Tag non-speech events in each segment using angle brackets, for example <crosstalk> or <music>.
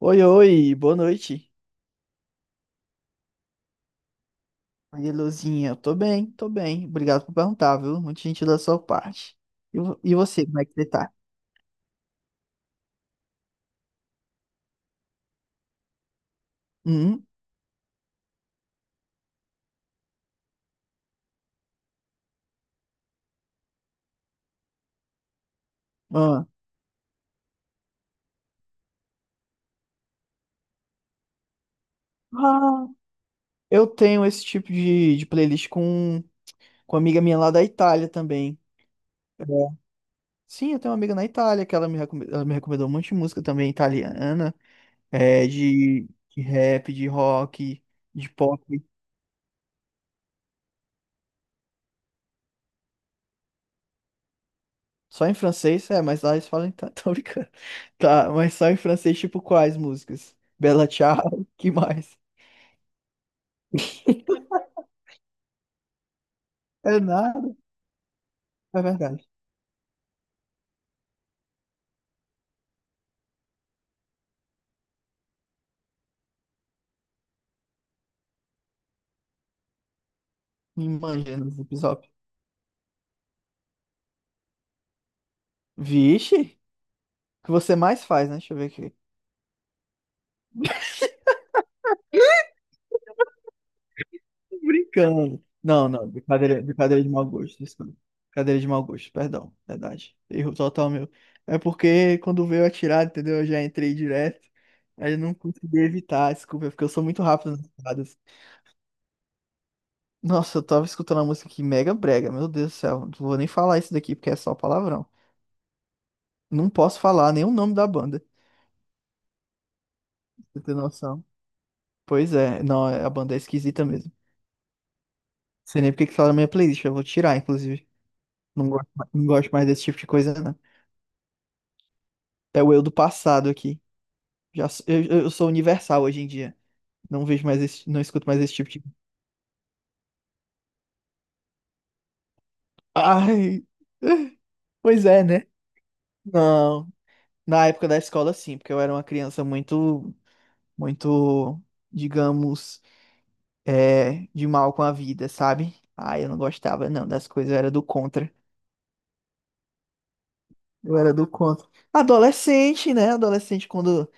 Oi, oi, boa noite. Oi, Luzinha, eu tô bem, tô bem. Obrigado por perguntar, viu? Muito gentil da sua parte. E você, como é que você tá? Hum? Ah. Ah, eu tenho esse tipo de playlist com uma amiga minha lá da Itália também. É. Sim, eu tenho uma amiga na Itália que ela me recomendou um monte de música também italiana, de rap, de rock, de pop. Só em francês? É, mas lá eles falam. Tá, tô brincando. Tá, mas só em francês, tipo, quais músicas? Bella Ciao, que mais? <laughs> É nada, é verdade. Me imagina no Zip Zop. Vixe, o que você mais faz, né? Deixa eu ver aqui. Tô brincando. Não, não, brincadeira, brincadeira de mau gosto, desculpa. Brincadeira de mau gosto, perdão, verdade. Erro total meu. É porque quando veio atirar, entendeu? Eu já entrei direto. Aí eu não consegui evitar, desculpa, porque eu sou muito rápido nas paradas. Nossa, eu tava escutando uma música aqui mega brega, meu Deus do céu. Não vou nem falar isso daqui porque é só palavrão. Não posso falar nem o nome da banda, pra você ter noção. Pois é, não, a banda é esquisita mesmo. Não sei nem porque que tá na minha playlist, eu vou tirar, inclusive. Não gosto mais desse tipo de coisa, não. É o eu do passado aqui. Já, eu sou universal hoje em dia. Não vejo mais esse, não escuto mais esse tipo de. Ai! <laughs> Pois é, né? Não. Na época da escola, sim, porque eu era uma criança muito, muito, digamos. De mal com a vida, sabe? Ah, eu não gostava, não, das coisas, eu era do contra. Eu era do contra. Adolescente, né? Adolescente quando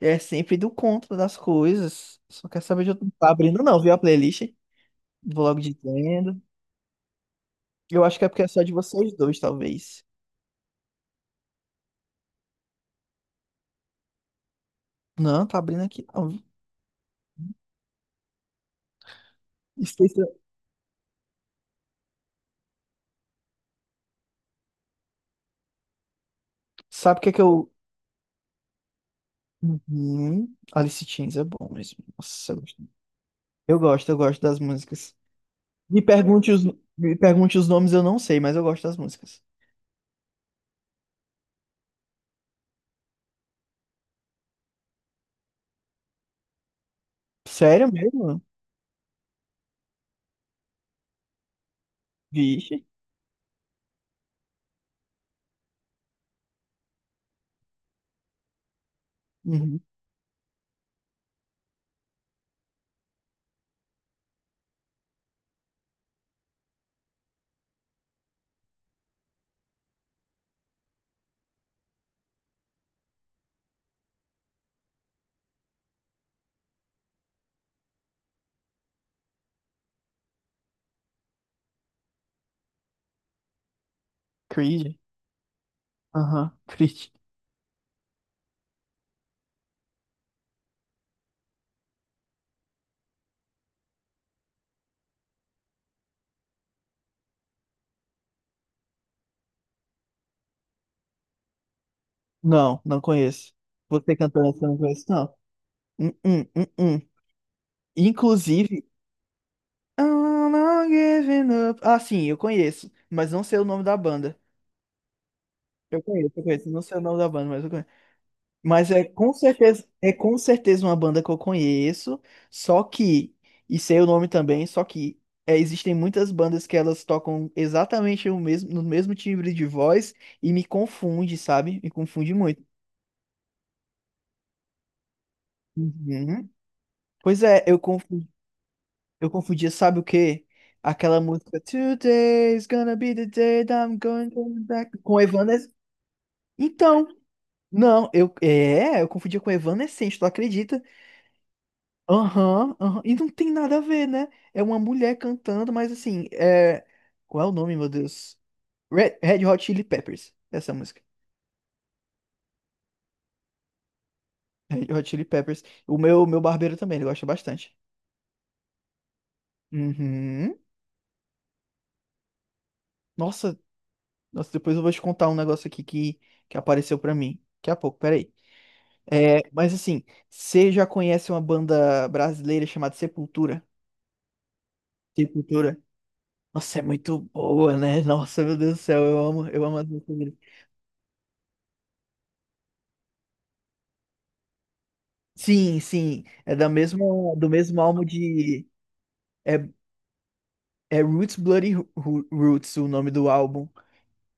é sempre do contra das coisas. Só quer saber de outro. Tá abrindo, não, viu a playlist? Vou logo dizendo. Eu acho que é porque é só de vocês dois, talvez. Não, tá abrindo aqui, não. Esqueci- Sabe o que é que eu. Uhum. Alice Chains é bom mesmo. Nossa, eu gosto. Eu gosto, eu gosto das músicas. Me pergunte os, me pergunte os nomes, eu não sei, mas eu gosto das músicas. Sério mesmo? Vixe. Uhum. Creed. Aham. Creed. Não, não conheço. Você cantando essa eu não conheço, não. Hum, hum, hum, hum. Inclusive. I'm not giving up. Ah, sim, eu conheço. Mas não sei o nome da banda. Eu conheço, eu conheço. Não sei o nome da banda, mas eu conheço. Mas é com certeza uma banda que eu conheço, só que, e sei o nome também, existem muitas bandas que elas tocam exatamente o mesmo, no mesmo timbre de voz e me confunde, sabe? Me confunde muito. Uhum. Pois é, eu confundia, sabe o quê? Aquela música Today's gonna be the day that I'm going to be back com Evanescence. Então, não, eu confundia com Evanescence, tu acredita? Aham, aham. E não tem nada a ver, né? É uma mulher cantando, mas assim, é. Qual é o nome, meu Deus? Red Hot Chili Peppers. Essa música. Red Hot Chili Peppers. O meu barbeiro também, ele gosta bastante. Uhum. Nossa, nossa, depois eu vou te contar um negócio aqui que apareceu pra mim. Daqui a pouco, peraí. É, mas assim, você já conhece uma banda brasileira chamada Sepultura? Sepultura. Nossa, é muito boa, né? Nossa, meu Deus do céu, eu amo as músicas. Sim, sim. Do mesmo álbum de. É, é Roots Bloody Roots, o nome do álbum.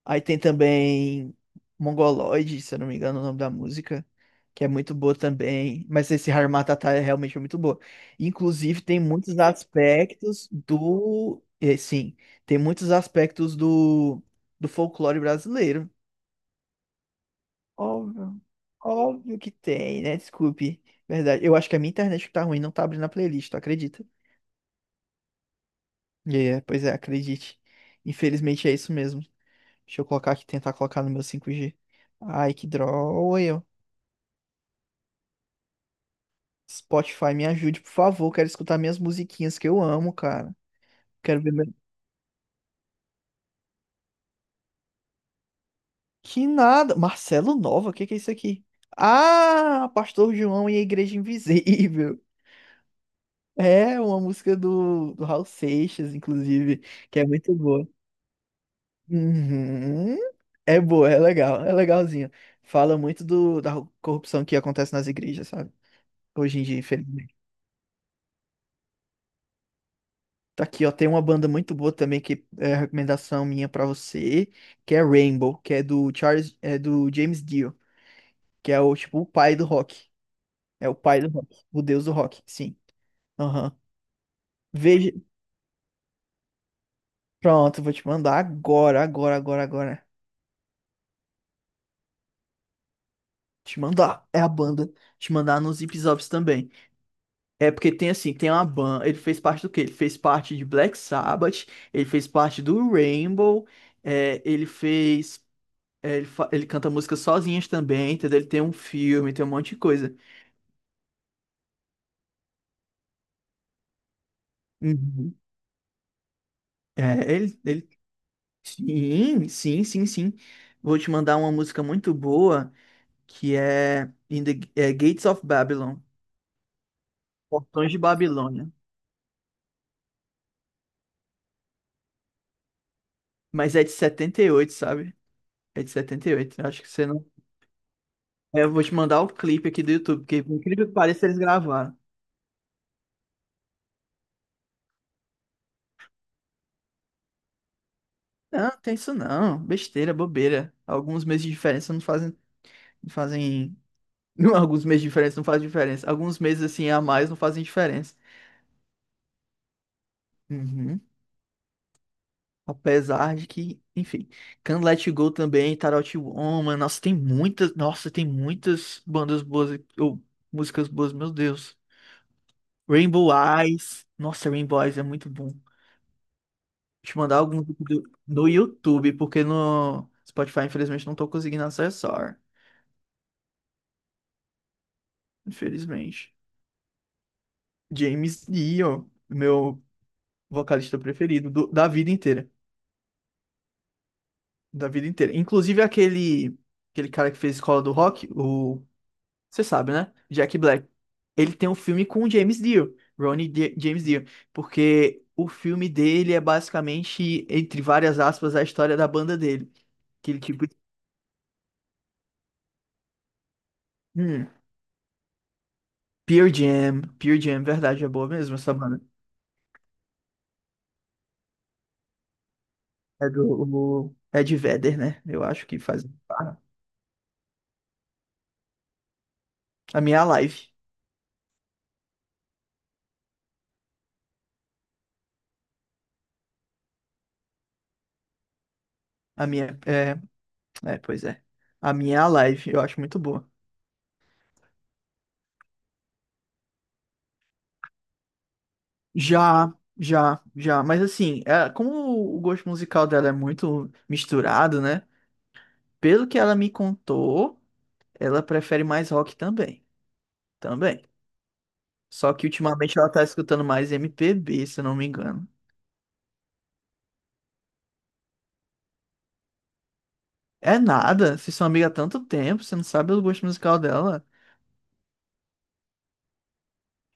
Aí tem também Mongoloid, se eu não me engano, o nome da música, que é muito boa também. Mas esse Harmatata é realmente muito boa. Inclusive, tem muitos aspectos do. É, sim, tem muitos aspectos do folclore brasileiro. Óbvio. Óbvio que tem, né? Desculpe. Verdade. Eu acho que a minha internet que tá ruim, não tá abrindo a playlist, tu acredita? E é, pois é, acredite. Infelizmente é isso mesmo. Deixa eu colocar aqui, tentar colocar no meu 5G. Ai, que droga, eu. Spotify, me ajude, por favor. Quero escutar minhas musiquinhas que eu amo, cara. Quero ver. Que nada. Marcelo Nova, o que que é isso aqui? Ah, Pastor João e a Igreja Invisível. <laughs> É uma música do Raul Seixas, inclusive, que é muito boa. Uhum. É boa, é legal, é legalzinho. Fala muito da corrupção que acontece nas igrejas, sabe? Hoje em dia, infelizmente. Tá aqui, ó, tem uma banda muito boa também que é recomendação minha pra você, que é Rainbow, que é do Charles, é do James Dio, que é o tipo o pai do rock. É o pai do rock, o deus do rock, sim. Aham. Veja, pronto, vou te mandar agora, agora, agora, agora. Te mandar, é a banda. Te mandar nos Zip Zops também. É porque tem assim, tem uma banda. Ele fez parte do quê? Ele fez parte de Black Sabbath, ele fez parte do Rainbow. É, ele fez É, ele, fa- ele canta músicas sozinhas também, entendeu? Ele tem um filme, tem um monte de coisa. Uhum. Ele... Sim, sim, sim, sim. Vou te mandar uma música muito boa que é, Gates of Babylon, Portões de Babilônia. Mas é de 78, sabe? É de 78. Eu acho que você não. É, eu vou te mandar o clipe aqui do YouTube, porque por incrível que pareça, eles gravaram. Não, não tem isso não. Besteira, bobeira. Alguns meses de diferença não fazem, não fazem, <laughs> não. Alguns meses de diferença não faz diferença. Alguns meses assim a mais não fazem diferença. Uhum. Apesar de que, enfim, Can't Let You Go também, Tarot Woman, nossa, tem muitas bandas boas aqui, ou músicas boas, meu Deus. Rainbow Eyes, nossa, Rainbow Eyes é muito bom. Vou te mandar algum no YouTube, porque no Spotify, infelizmente, não tô conseguindo acessar. Infelizmente. James Dio, meu vocalista preferido da vida inteira. Da vida inteira. Inclusive aquele cara que fez Escola do Rock, o. Você sabe, né? Jack Black. Ele tem um filme com o James Dean, James Dio, porque o filme dele é basicamente, entre várias aspas, a história da banda dele. Aquele tipo. Hum, Pearl Jam. Pearl Jam, verdade, é boa mesmo essa banda. É do o Ed Vedder, né? Eu acho que faz. A minha é a live. A minha. É, pois é. A minha é a live, eu acho muito boa. Já, já, já. Mas assim, como o gosto musical dela é muito misturado, né? Pelo que ela me contou, ela prefere mais rock também. Também. Só que ultimamente ela tá escutando mais MPB, se eu não me engano. É nada. Vocês são amigas há tanto tempo, você não sabe o gosto musical dela.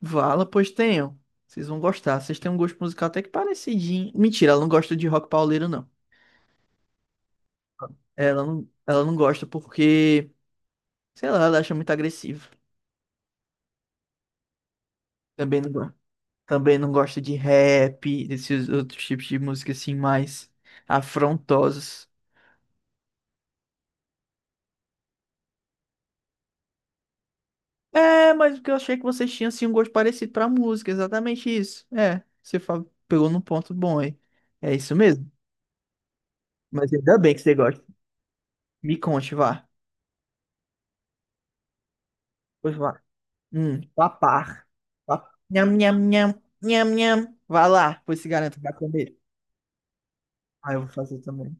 Vala, pois tenham. Vocês vão gostar. Vocês têm um gosto musical até que parecidinho. Mentira, ela não gosta de rock pauleiro, não. Ela não gosta porque, sei lá, ela acha muito agressivo. Também não gosta. Também não gosto de rap, desses outros tipos de música assim mais afrontosos. É, mas porque eu achei que vocês tinham assim um gosto parecido pra música, exatamente isso. É, você pegou num ponto bom aí. É isso mesmo. Mas ainda bem que você gosta. Me conte, vá. Pois vá. Papar. Nham, nham, nham, nham, nham. Vá lá, pois se garanta vai comer. Ah, eu vou fazer também.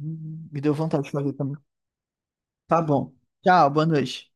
Me deu vontade de fazer também. Tá bom. Tchau, boa noite.